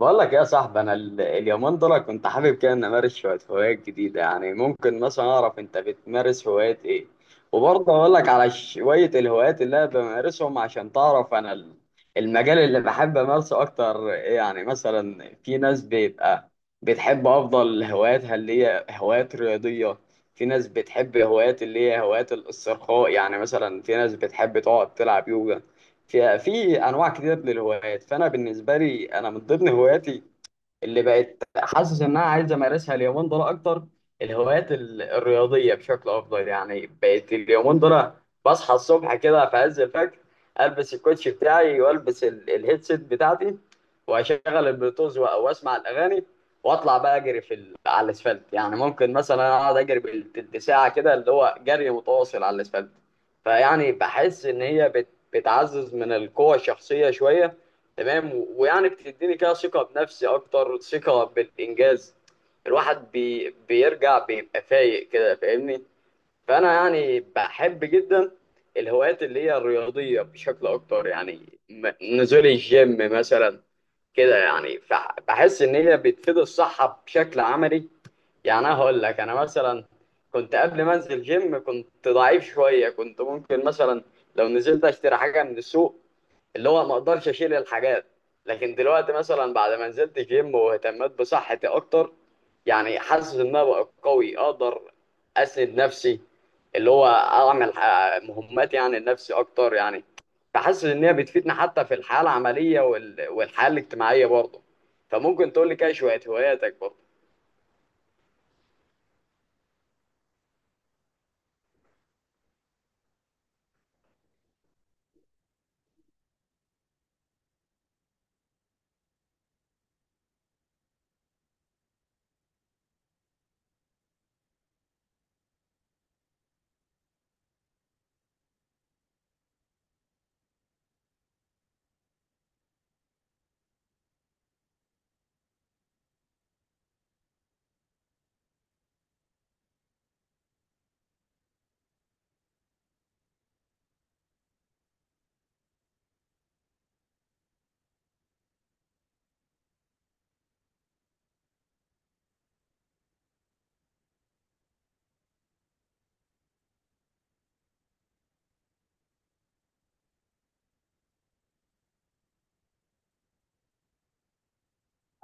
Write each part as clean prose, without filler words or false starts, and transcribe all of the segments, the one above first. بقول لك إيه يا صاحبي، انا اليومين دول كنت حابب كده ان امارس شويه هوايات جديده. يعني ممكن مثلا اعرف انت بتمارس هوايات ايه؟ وبرضه اقول لك على شويه الهوايات اللي انا بمارسهم عشان تعرف انا المجال اللي بحب امارسه اكتر إيه. يعني مثلا في ناس بيبقى بتحب افضل هواياتها اللي هي هوايات رياضيه، في ناس بتحب هوايات اللي هي هوايات الاسترخاء، يعني مثلا في ناس بتحب تقعد تلعب يوجا. في انواع كتير للهوايات. فانا بالنسبه لي انا من ضمن هواياتي اللي بقت حاسس انها عايزه امارسها اليومين دول اكتر الهوايات الرياضيه بشكل افضل. يعني بقت اليومين دول بصحى الصبح كده في عز الفجر، البس الكوتش بتاعي والبس الهيدسيت بتاعتي، واشغل البلوتوز واسمع الاغاني، واطلع بقى اجري في على الاسفلت. يعني ممكن مثلا اقعد اجري بالتلت ساعه كده، اللي هو جري متواصل على الاسفلت. فيعني بحس ان هي بتعزز من القوه الشخصيه شويه، تمام، ويعني بتديني كده ثقة بنفسي أكتر، ثقة بالإنجاز. الواحد بيرجع بيبقى فايق كده فاهمني. فأنا يعني بحب جدا الهوايات اللي هي الرياضية بشكل أكتر، يعني نزول الجيم مثلا كده. يعني بحس إن هي بتفيد الصحة بشكل عملي. يعني أنا هقول لك انا مثلا كنت قبل ما انزل جيم كنت ضعيف شويه، كنت ممكن مثلا لو نزلت اشتري حاجه من السوق، اللي هو ما اقدرش اشيل الحاجات. لكن دلوقتي مثلا بعد ما نزلت جيم واهتميت بصحتي اكتر يعني حاسس ان انا بقى قوي، اقدر اسند نفسي، اللي هو اعمل مهمات يعني لنفسي اكتر يعني. فحاسس ان هي بتفيدني حتى في الحياه العمليه والحياه الاجتماعيه برضه. فممكن تقول لي كده شويه هواياتك برضه؟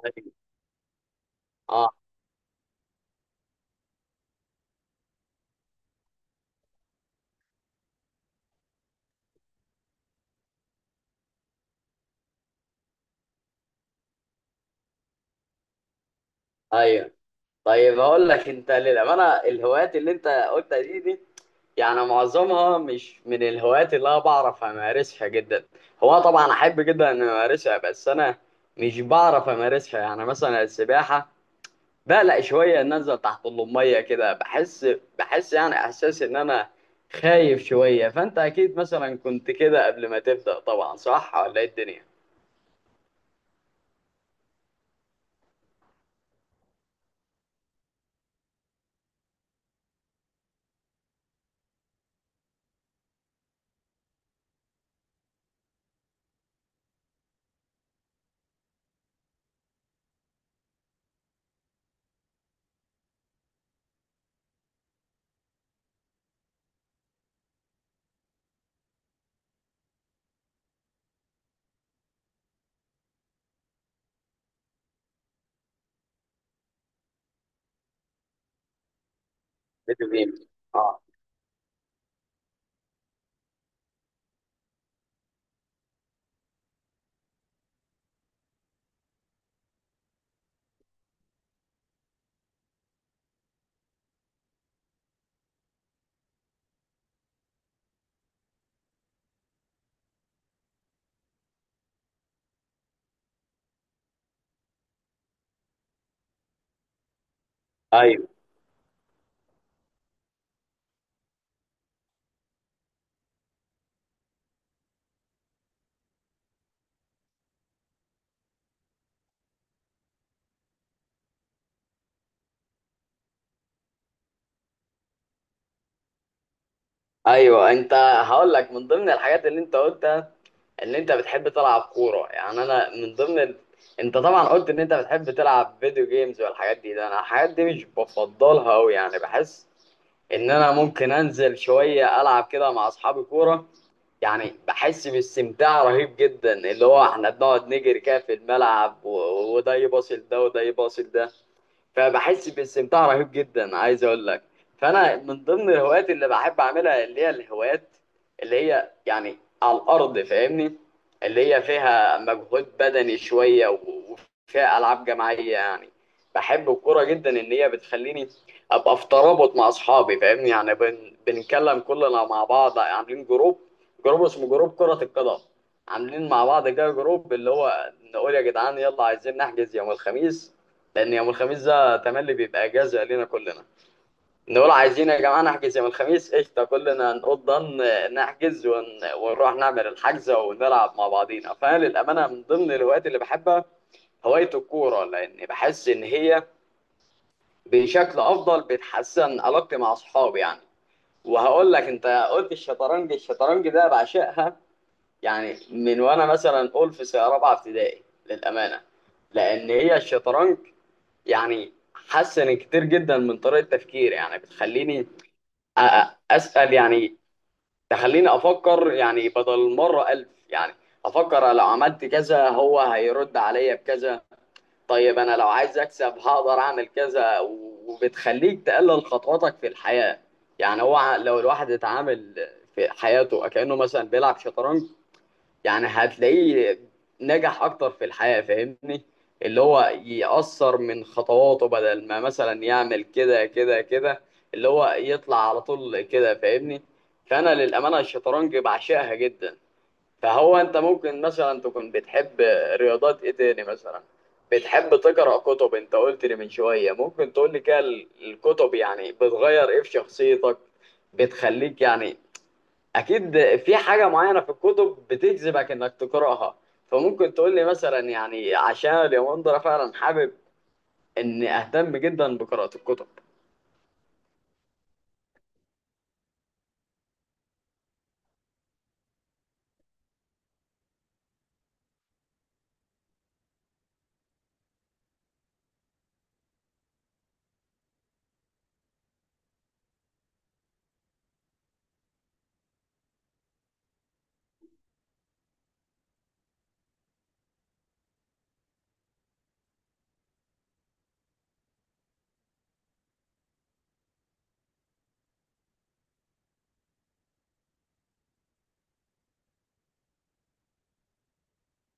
أيوة. ايوه. طيب اقول لك انت للامانه، الهوايات اللي انت قلتها دي يعني معظمها مش من الهوايات اللي انا بعرف امارسها جدا. هو طبعا احب جدا ان امارسها بس انا مش بعرف امارسها. يعني مثلا السباحه، بقلق شويه ان انزل تحت الميه كده بحس. يعني احساس ان انا خايف شويه. فانت اكيد مثلا كنت كده قبل ما تبدا طبعا، صح ولا ايه الدنيا؟ فيديو جيمز. اه. ايوه. ايوه هقول لك من ضمن الحاجات اللي انت قلتها ان انت بتحب تلعب كوره. يعني انا من ضمن انت طبعا قلت ان انت بتحب تلعب فيديو جيمز والحاجات دي، ده انا الحاجات دي مش بفضلها قوي. يعني بحس ان انا ممكن انزل شويه العب كده مع اصحابي كوره. يعني بحس باستمتاع رهيب جدا، اللي هو احنا بنقعد نجري كده في الملعب وده يباصل ده وده يباصل ده. فبحس باستمتاع رهيب جدا، عايز اقول لك. فانا من ضمن الهوايات اللي بحب اعملها اللي هي الهوايات اللي هي يعني على الارض فاهمني، اللي هي فيها مجهود بدني شويه وفيها العاب جماعيه يعني. بحب الكوره جدا ان هي بتخليني ابقى في ترابط مع اصحابي فاهمني. يعني بنتكلم كلنا مع بعض عاملين جروب، جروب اسمه جروب كرة القدم. عاملين مع بعض كده جروب، اللي هو نقول يا جدعان يلا عايزين نحجز يوم الخميس، لان يوم الخميس ده تملي بيبقى اجازه لينا كلنا. نقول عايزين يا جماعه نحجز يوم الخميس، قشطه كلنا نقول ضن نحجز ونروح نعمل الحجزه ونلعب مع بعضينا. فانا للامانه من ضمن الهوايات اللي بحبها هوايه الكوره، لان بحس ان هي بشكل افضل بتحسن علاقتي مع اصحابي يعني. وهقول لك انت قلت الشطرنج، الشطرنج ده بعشقها. يعني من وانا مثلا اقول في سنه رابعه ابتدائي للامانه، لان هي الشطرنج يعني حسن كتير جدا من طريقه تفكيري. يعني بتخليني اسال يعني، تخليني افكر. يعني بدل مره الف يعني افكر لو عملت كذا هو هيرد عليا بكذا، طيب انا لو عايز اكسب هقدر اعمل كذا. وبتخليك تقلل خطواتك في الحياه. يعني هو لو الواحد اتعامل في حياته كانه مثلا بيلعب شطرنج يعني هتلاقيه نجح اكتر في الحياة فاهمني. اللي هو يأثر من خطواته بدل ما مثلا يعمل كده كده كده، اللي هو يطلع على طول كده فاهمني. فانا للأمانة الشطرنج بعشقها جدا. فهو انت ممكن مثلا تكون بتحب رياضات ايه تاني مثلا؟ بتحب تقرأ كتب انت قلت لي من شوية. ممكن تقول لي كده الكتب يعني بتغير ايه في شخصيتك، بتخليك يعني، اكيد في حاجه معينه في الكتب بتجذبك انك تقراها. فممكن تقول لي مثلا، يعني عشان اليومين دول فعلا حابب اني اهتم جدا بقراءه الكتب.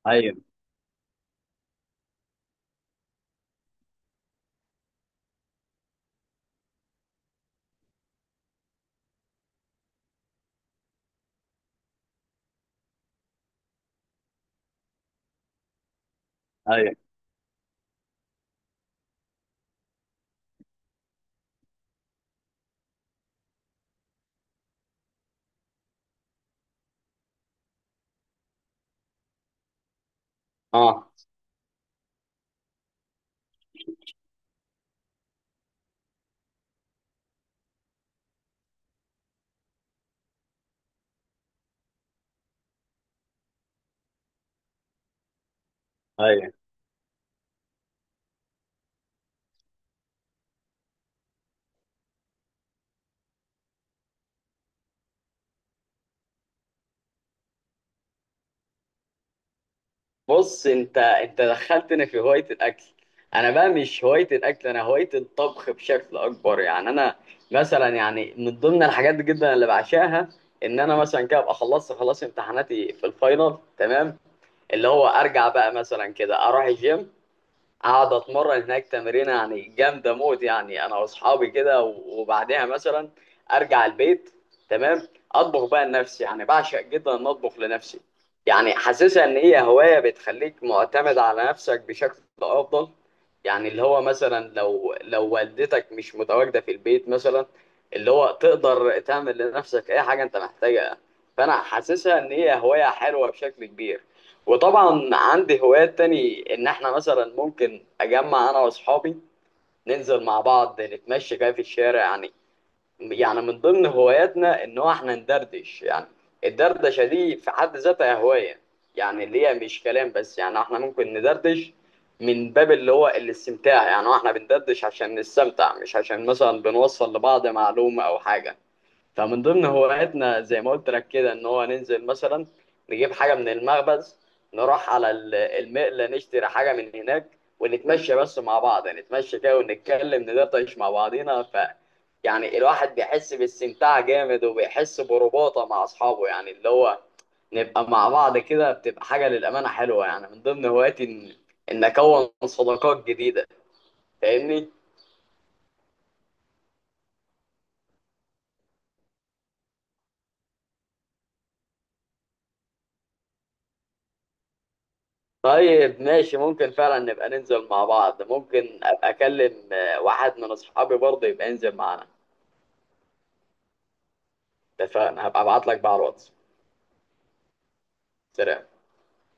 ايوه. ايوه. اه. ايوه. بص انت دخلتني في هوايه الاكل. انا بقى مش هوايه الاكل، انا هوايه الطبخ بشكل اكبر. يعني انا مثلا يعني من ضمن الحاجات جدا اللي بعشاها ان انا مثلا كده ابقى خلصت خلاص امتحاناتي في الفاينل تمام، اللي هو ارجع بقى مثلا كده اروح الجيم، اقعد اتمرن هناك تمرينه يعني جامده موت يعني انا واصحابي كده، وبعدها مثلا ارجع البيت تمام اطبخ بقى لنفسي. يعني بعشق جدا ان اطبخ لنفسي، يعني حاسسها ان هي هوايه بتخليك معتمد على نفسك بشكل افضل. يعني اللي هو مثلا لو والدتك مش متواجده في البيت مثلا، اللي هو تقدر تعمل لنفسك اي حاجه انت محتاجها. فانا حاسسها ان هي هوايه حلوه بشكل كبير. وطبعا عندي هوايات تاني ان احنا مثلا ممكن اجمع انا واصحابي ننزل مع بعض نتمشى كده في الشارع يعني. يعني من ضمن هواياتنا ان هو احنا ندردش. يعني الدردشة دي في حد ذاتها هواية، يعني اللي هي مش كلام بس. يعني احنا ممكن ندردش من باب اللي هو الاستمتاع، يعني هو احنا بندردش عشان نستمتع مش عشان مثلا بنوصل لبعض معلومة او حاجة. فمن ضمن هواياتنا زي ما قلت لك كده ان هو ننزل مثلا نجيب حاجه من المخبز، نروح على المقله نشتري حاجه من هناك ونتمشى بس مع بعض. يعني نتمشى كده ونتكلم ندردش مع بعضينا. يعني الواحد بيحس باستمتاع جامد وبيحس برباطه مع اصحابه. يعني اللي هو نبقى مع بعض كده بتبقى حاجه للامانه حلوه. يعني من ضمن هواياتي ان اكون صداقات جديده فاهمني. طيب ماشي، ممكن فعلا نبقى ننزل مع بعض، ممكن ابقى اكلم واحد من اصحابي برضه يبقى ينزل معانا. اتفقنا هبقى ابعت لك بقى على الواتس. سلام.